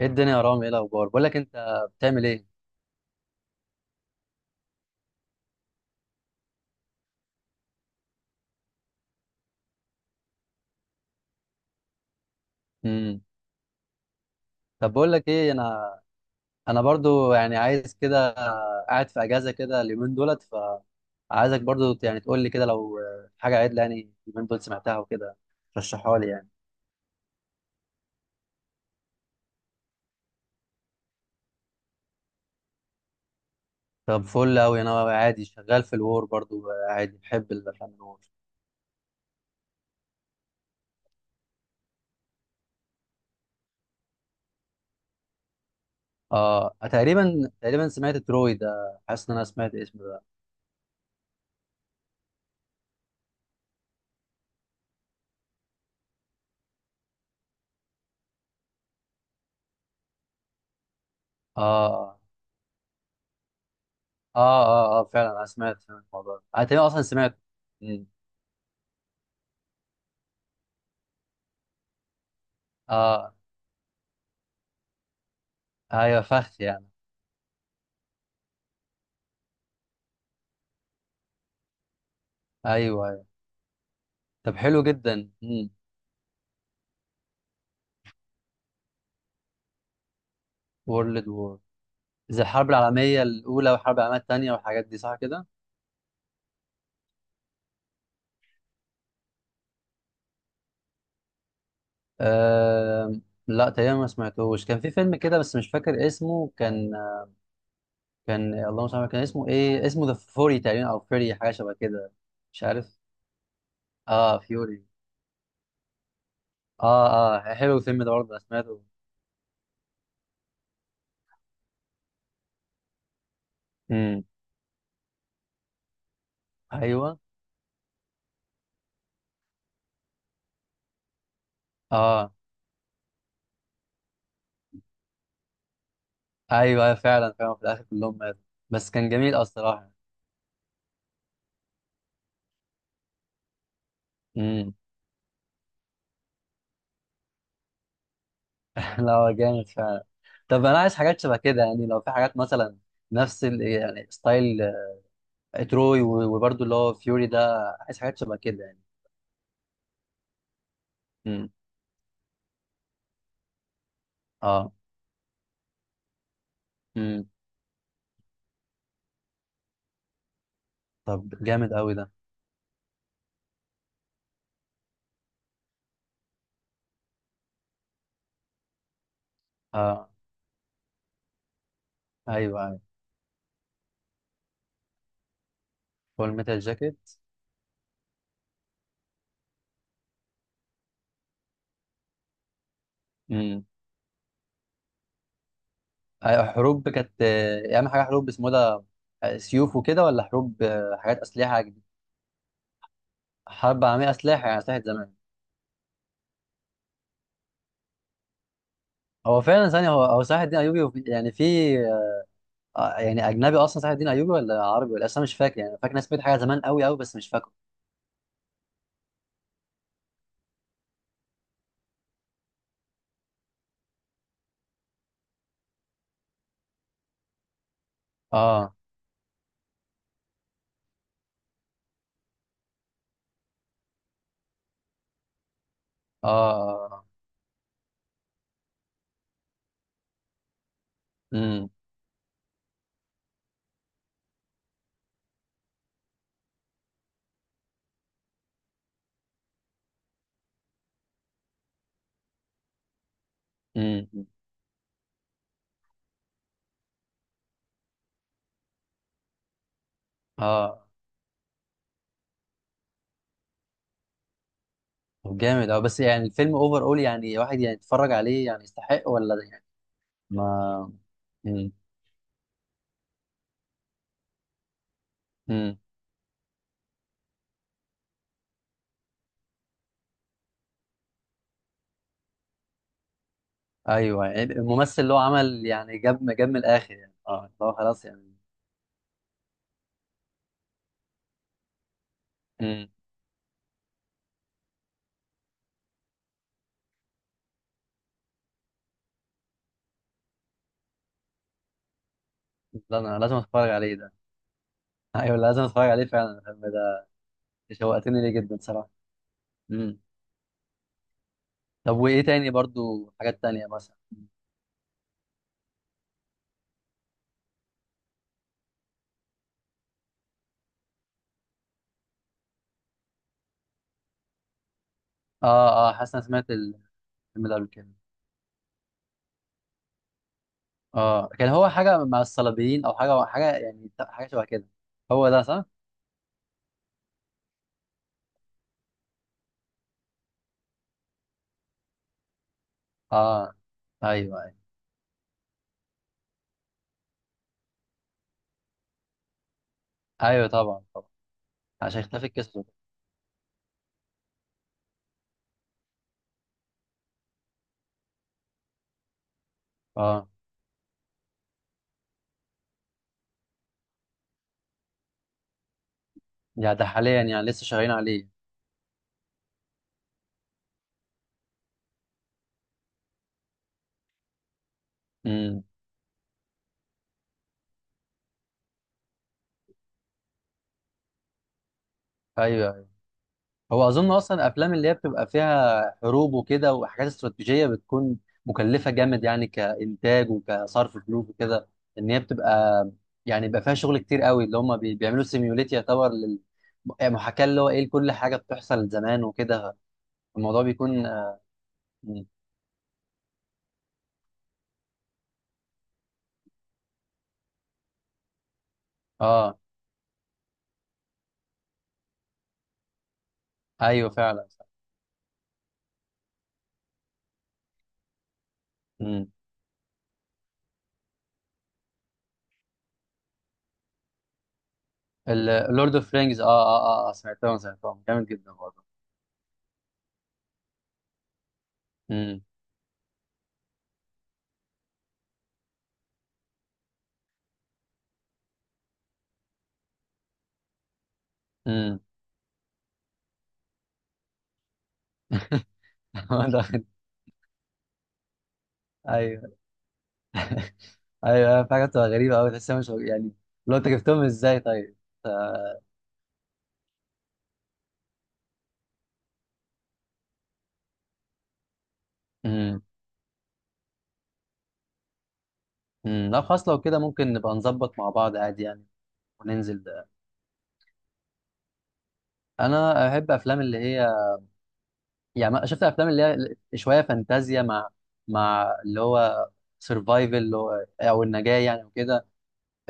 ايه الدنيا يا رامي؟ ايه الاخبار؟ بقول لك، انت بتعمل ايه؟ امم. طب، بقول لك ايه. انا برضو يعني عايز كده. قاعد في اجازه كده اليومين دولت. فعايزك برضو يعني تقول لي كده لو حاجه عدله يعني اليومين دول سمعتها وكده، رشحها لي يعني. طب فل قوي، انا عادي شغال في الور برضو. عادي بحب الافلام الور. اه، تقريبا سمعت تروي ده. حاسس ان انا سمعت اسمه ده. اه، اه، اه، اه, آه فعلا انا سمعت الموضوع ده. انا تقريبا اصلا سمعت. مم. اه، ايوه، فخ. ايوه، ايوه، طب حلو جدا. امم. وورلد وور؟ زي الحرب العالميه الاولى والحرب العالميه الثانيه والحاجات دي، صح كده؟ أه... لا، تقريبا ما سمعتهوش. كان في فيلم كده بس مش فاكر اسمه. كان اللهم صل على النبي، كان اسمه ايه، اسمه ذا فوري تقريبا او فيري، حاجه شبه كده. مش عارف. اه فيوري. اه، اه، حلو الفيلم ده برضه أنا سمعته. امم. ايوه. اه. ايوه أيوة، فعلا فعلا في الاخر كلهم ماتوا. بس كان جميل، اه، الصراحه. مم. لا، هو جامد فعلا. طب انا عايز حاجات شبه كده يعني، لو في حاجات مثلا نفس يعني ستايل تروي وبرضه اللي هو فيوري ده، عايز حاجات شبه كده يعني. امم. اه. امم. طب جامد قوي ده. اه، ايوه، ايوه. فول ميتال جاكيت. امم. ايوه، حروب كانت، اهم حاجه حروب اسمه ده. سيوف وكده ولا حروب حاجات اسلحه جديدة؟ حرب عالميه، اسلحه، يعني اسلحه زمان. هو فعلا ثانيه، هو صلاح الدين ايوبي يعني في. يعني اجنبي اصلا صلاح الدين ايوبي ولا عربي؟ ولا اصلا مش فاكر يعني. أنا فاكر ناس سمعت حاجه زمان قوي قوي بس مش فاكره. اه، اه. امم. امم. اه. طب جامد، اه. بس يعني الفيلم اوفر اول يعني، واحد يعني يتفرج عليه يعني، يستحق ولا ده يعني؟ ما. امم. امم. ايوه، يعني الممثل اللي هو عمل يعني جاب من الاخر يعني، اه، اللي هو خلاص يعني. امم. لا، انا لازم اتفرج عليه ده. ايوه، لازم اتفرج عليه فعلا الفيلم ده. شوقتني ليه جدا صراحه. امم. طب وايه تاني برضو؟ حاجات تانية مثلا؟ اه، اه، حاسس إن أنا سمعت الفيلم ده قبل كده. اه، كان هو حاجه مع الصليبيين او حاجه يعني حاجه شبه كده. هو ده صح؟ اه، ايوه، ايوه. ايوه، طبعا، طبعا. عشان يختفي القصه. اه، يعني ده حاليا يعني لسه شغالين عليه؟ امم. ايوه. هو اظن اصلا افلام اللي هي بتبقى فيها حروب وكده وحاجات استراتيجيه بتكون مكلفه جامد يعني، كانتاج وكصرف فلوس وكده. ان هي بتبقى، يعني بيبقى فيها شغل كتير قوي اللي هم بيعملوا سيميوليت يعتبر لل يعني محاكاه اللي هو ايه لكل حاجه بتحصل زمان وكده. الموضوع بيكون، اه. آه، ايوه فعلا. امم. اللورد اوف رينجز، اه، اه، اه، آه، سمعتهم جامد جدا برضه. امم. امم. ايوه، ايوه أيوة، في حاجات بتبقى غريبه قوي تحسها مش يعني. لو انت جبتهم ازاي طيب؟ ف... امم. مم، لا خلاص لو كده ممكن نبقى نظبط مع بعض عادي يعني. وننزل ده. انا احب افلام اللي هي، يعني شفت افلام اللي هي شويه فانتازيا، مع اللي هو سرفايفل اللي هو او النجاه يعني وكده.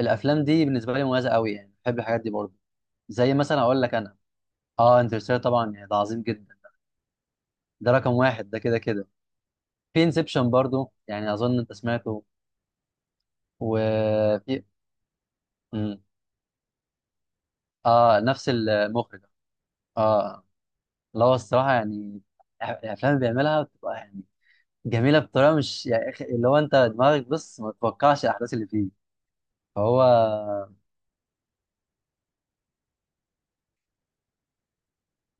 الافلام دي بالنسبه لي مميزه قوي يعني، بحب الحاجات دي برضه. زي مثلا اقول لك انا. اه، انترستيلر طبعا يعني ده عظيم جدا. ده رقم واحد ده كده كده. في انسبشن برضه يعني، اظن انت سمعته. وفي. اه، نفس المخرج. اه، اللي هو الصراحه يعني، الافلام اللي بيعملها بتبقى يعني جميله بطريقه مش يعني اللي هو انت دماغك بص ما تتوقعش الاحداث اللي فيه. فهو.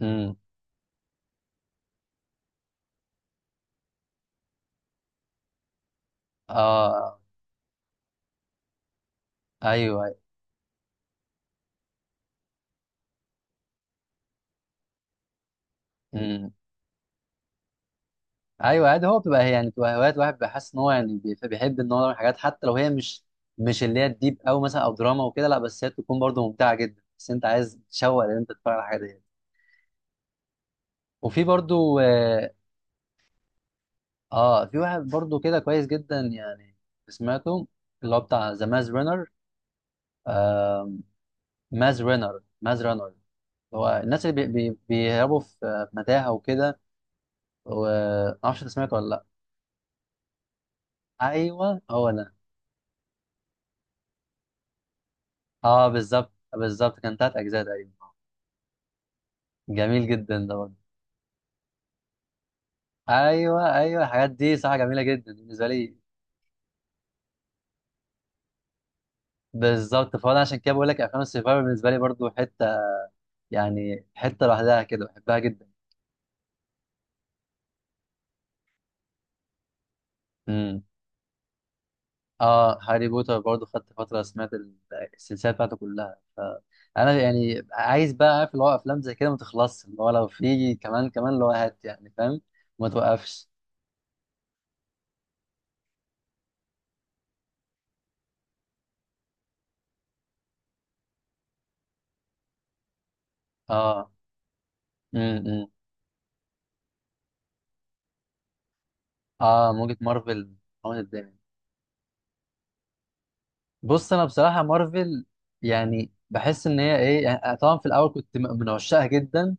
امم. اه. ايوه. امم. ايوه، عادي. هو بتبقى يعني بتبقى هوايات، واحد بيحس ان هو يعني بيحب ان هو يعمل حاجات، حتى لو هي مش اللي هي الديب قوي مثلا او دراما وكده. لا بس هي تكون برضه ممتعه جدا، بس انت عايز تشوق ان انت تتفرج على الحاجه دي. وفي برضه اه، في واحد برضو كده كويس جدا يعني، سمعته. اللي هو بتاع ذا ماز رانر. آه. ماز رانر. ماز رانر. هو الناس اللي بي بي بيهربوا في متاهة وكده. ومعرفش انت سمعته ولا لا. ايوه، هو ده. اه بالظبط بالظبط، كان تلات اجزاء تقريبا. جميل جدا ده برضه. ايوه، ايوه، الحاجات دي صراحة جميلة جدا بالنسبة لي. بالظبط، فانا عشان كده بقول لك افلام السيفايفر بالنسبة لي برضو حتة، يعني حتة لوحدها كده بحبها. جدا. اه، هاري بوتر برضه خدت فترة، سمعت السلسلة بتاعته كلها، فأنا يعني عايز بقى عارف اللي هو، أفلام زي كده ما تخلصش، اللي هو لو في كمان كمان اللي هو هات، يعني فاهم. ما توقفش. اه. امم. اه، موجة مارفل. موجة الدنيا. بص، أنا بصراحة مارفل يعني بحس إن هي إيه يعني، طبعا في الأول كنت من عشاقها جدا.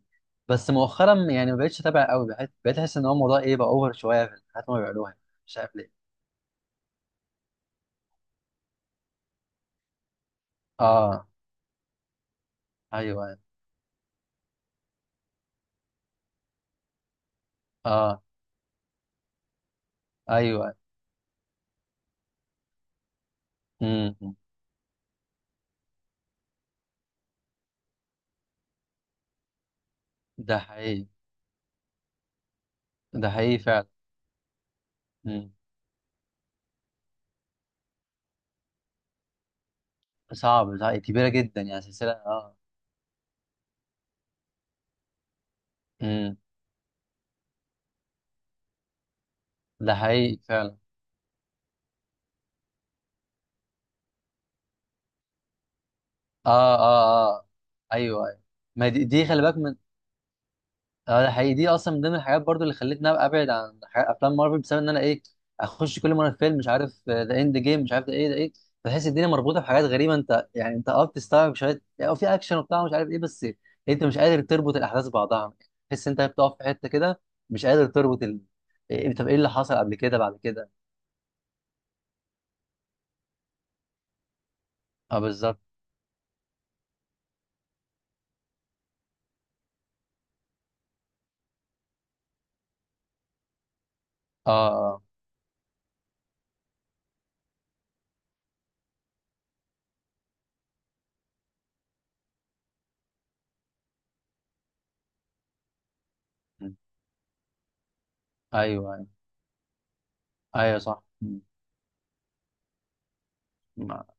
بس مؤخرا يعني ما بقتش أتابع قوي، بقيت أحس إن هو الموضوع إيه، بقى أوفر شوية في الحاجات اللي هم بيعملوها. مش عارف ليه. اه. أيوه. اه. أيوه. امم. ده حقيقي. ده حقيقي فعلا. مم. صعب، ده حقيقي. كبيرة جدا يعني سلسلة، اه. مم. ده حقيقي فعلا. اه، اه، اه، ايوه، ايوه. ما دي خلي بالك من. اه، ده حقيقي. دي اصلا من ضمن الحاجات برضو اللي خلتني ابقى ابعد عن افلام مارفل، بسبب ان انا ايه، اخش كل مره فيلم مش عارف ذا اند جيم مش عارف ده ايه ده ايه. بحس الدنيا مربوطه بحاجات غريبه، انت يعني انت اه بتستوعب شويه، او في اكشن وبتاع مش عارف ايه، بس انت مش قادر تربط الاحداث ببعضها. تحس انت بتقف في حته كده مش قادر تربط إيه، إيه، طب ايه اللي حصل قبل كده بعد كده. اه بالظبط. اه، اه، م. ايوه، ايوه، ايوه، صح، م. م.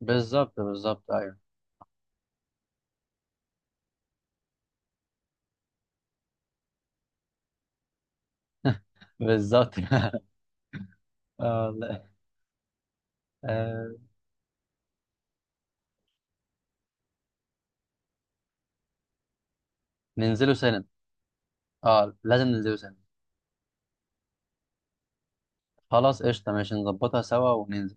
بالظبط بالظبط، ايوه. بالظبط اه، لا. آه. ننزلوا سنة. اه، لازم ندوسن. خلاص، قشطة، ماشي، نظبطها سوا وننزل.